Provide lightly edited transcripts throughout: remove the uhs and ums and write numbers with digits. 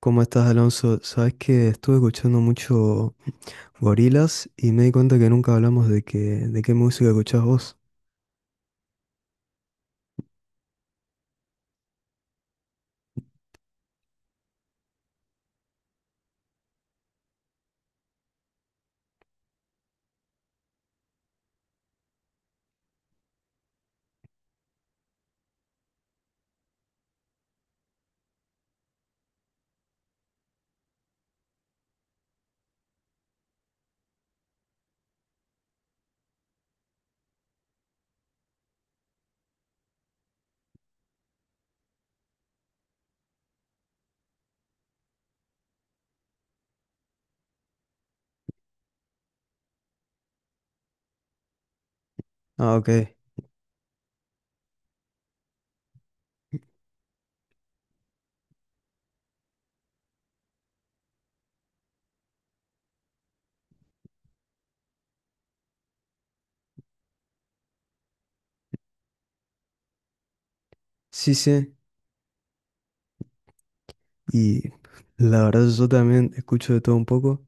¿Cómo estás, Alonso? Sabes que estuve escuchando mucho Gorilas y me di cuenta que nunca hablamos de qué música escuchás vos. Ah, ok. Sí. Y la verdad yo también escucho de todo un poco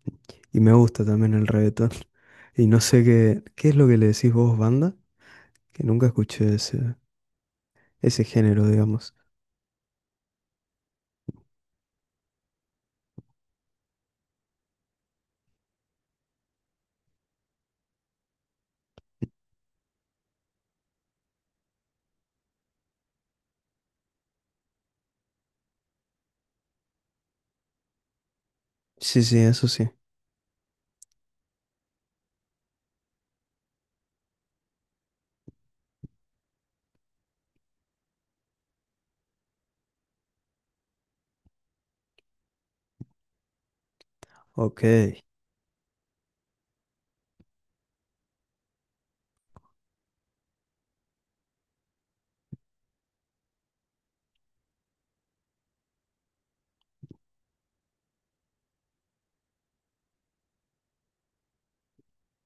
y me gusta también el reggaetón. Y no sé qué es lo que le decís vos, banda, que nunca escuché ese género, digamos. Sí, sí, eso sí. Ok.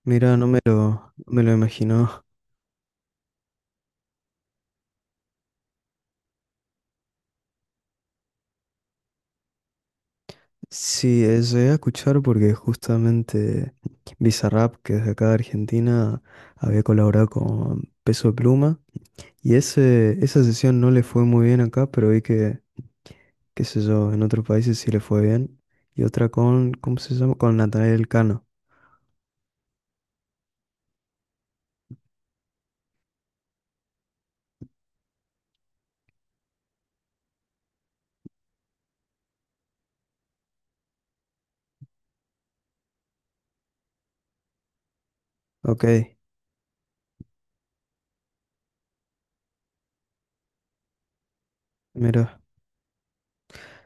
Mira, no me lo imagino. Sí, llegué a escuchar porque justamente Bizarrap, que es de acá de Argentina, había colaborado con Peso Pluma. Y esa sesión no le fue muy bien acá, pero vi que, qué sé yo, en otros países sí le fue bien. Y otra con, ¿cómo se llama? Con Natanael Cano. Ok, mira.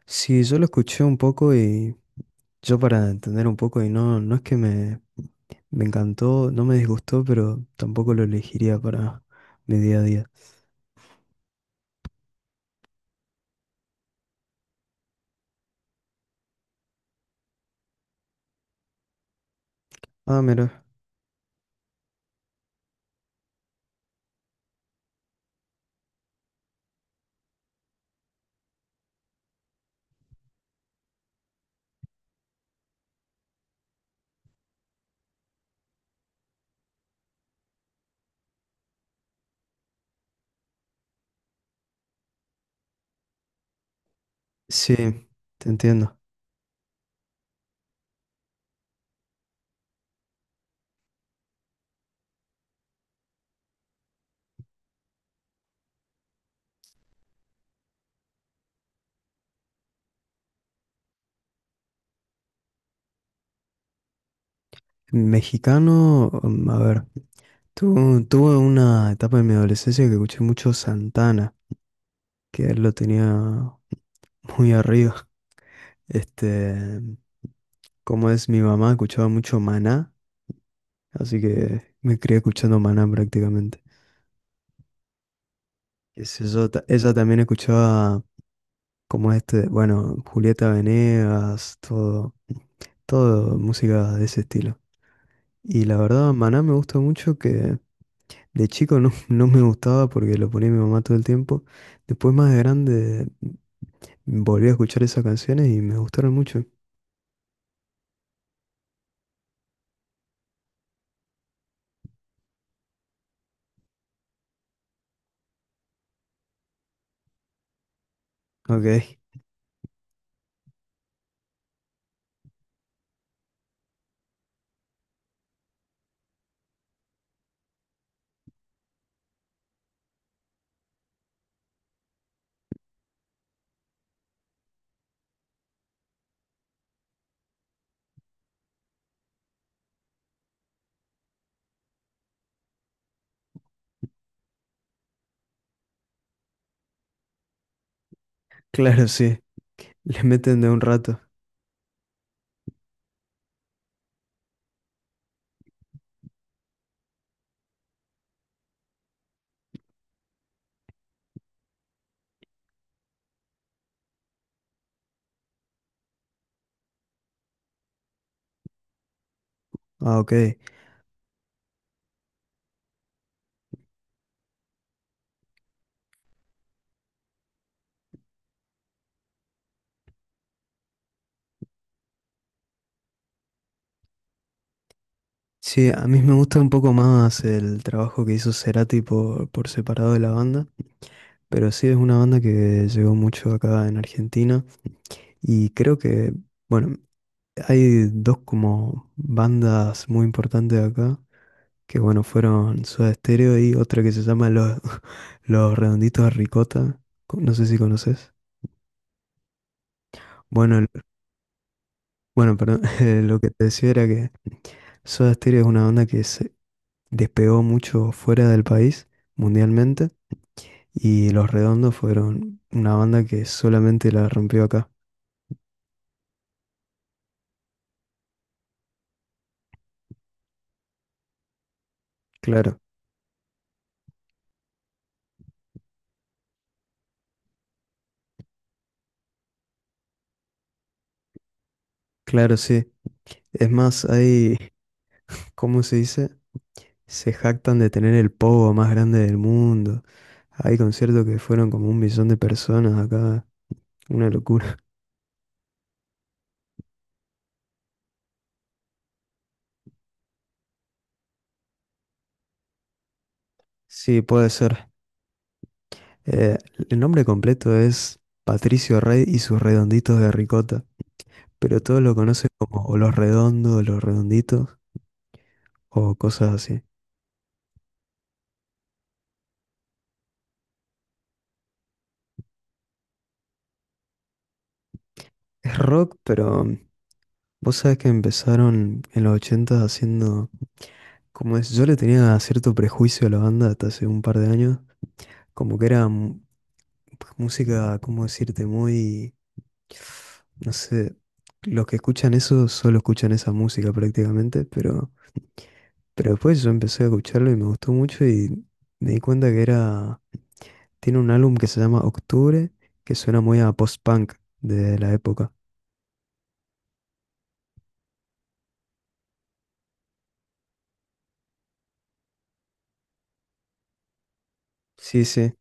Sí, yo lo escuché un poco y yo para entender un poco, y no, me encantó, no me disgustó, pero tampoco lo elegiría para mi día a día. Ah, mira. Sí, te entiendo. Mexicano, mm, a ver, tuve una etapa de mi adolescencia que escuché mucho Santana, que él lo tenía muy arriba. Este, como es mi mamá, escuchaba mucho Maná, así que me crié escuchando Maná prácticamente. Qué sé yo, ella también escuchaba como este, bueno, Julieta Venegas, todo música de ese estilo. Y la verdad, Maná me gusta mucho que de chico no, no me gustaba porque lo ponía mi mamá todo el tiempo. Después más de grande volví a escuchar esas canciones y me gustaron mucho. Ok, claro, sí. Les meten de un rato. Ah, ok. Sí, a mí me gusta un poco más el trabajo que hizo Cerati por separado de la banda. Pero sí es una banda que llegó mucho acá en Argentina. Y creo que, bueno, hay dos como bandas muy importantes acá, que bueno, fueron Soda Stereo y otra que se llama Los Redonditos de Ricota, no sé si conoces. Bueno, perdón, lo que te decía era que Soda Stereo es una banda que se despegó mucho fuera del país, mundialmente, y Los Redondos fueron una banda que solamente la rompió acá. Claro, claro, sí. Es más, hay, ¿cómo se dice? Se jactan de tener el pogo más grande del mundo. Hay conciertos que fueron como un millón de personas acá, una locura. Sí, puede ser. Eh, el nombre completo es Patricio Rey y sus redonditos de ricota, pero todos lo conocen como o los redondos, o los redonditos o cosas así. Es rock, pero mm, vos sabés que empezaron en los 80 haciendo, como es, yo le tenía cierto prejuicio a la banda hasta hace un par de años, como que era música, ¿cómo decirte? Muy, no sé, los que escuchan eso solo escuchan esa música prácticamente, pero. Pero después yo empecé a escucharlo y me gustó mucho y me di cuenta que era. Tiene un álbum que se llama Octubre, que suena muy a post-punk de la época. Sí, sí,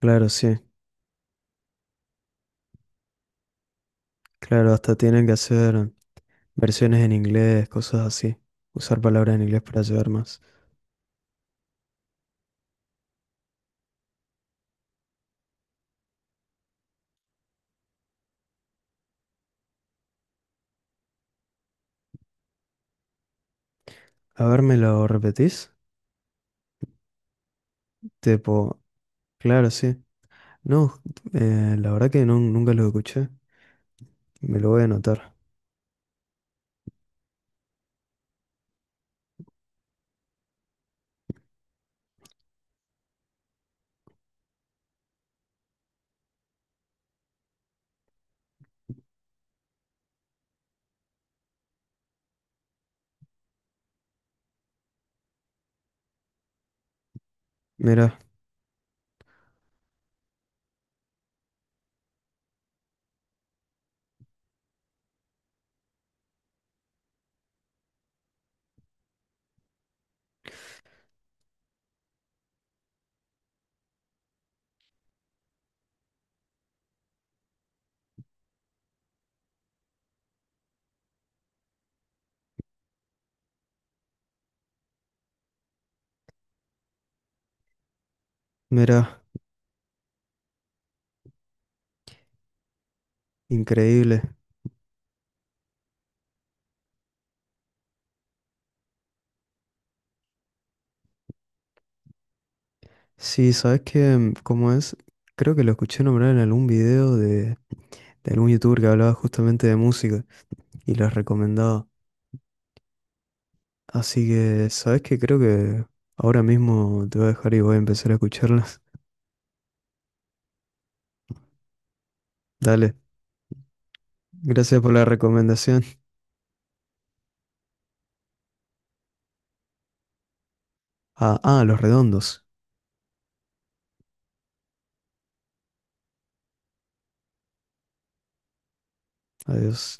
claro, sí. Claro, hasta tienen que hacer versiones en inglés, cosas así. Usar palabras en inglés para llevar más. A ver, ¿me lo repetís? Tipo, claro, sí. No, la verdad que no, nunca lo escuché. Me lo voy a anotar. Mira, mira, increíble. Sí, sabes que, ¿cómo es? Creo que lo escuché nombrar en algún video de algún youtuber que hablaba justamente de música y las recomendaba. Así que, ¿sabes que Creo que ahora mismo te voy a dejar y voy a empezar a escucharlas. Dale, gracias por la recomendación. Ah, ah, Los Redondos. Adiós.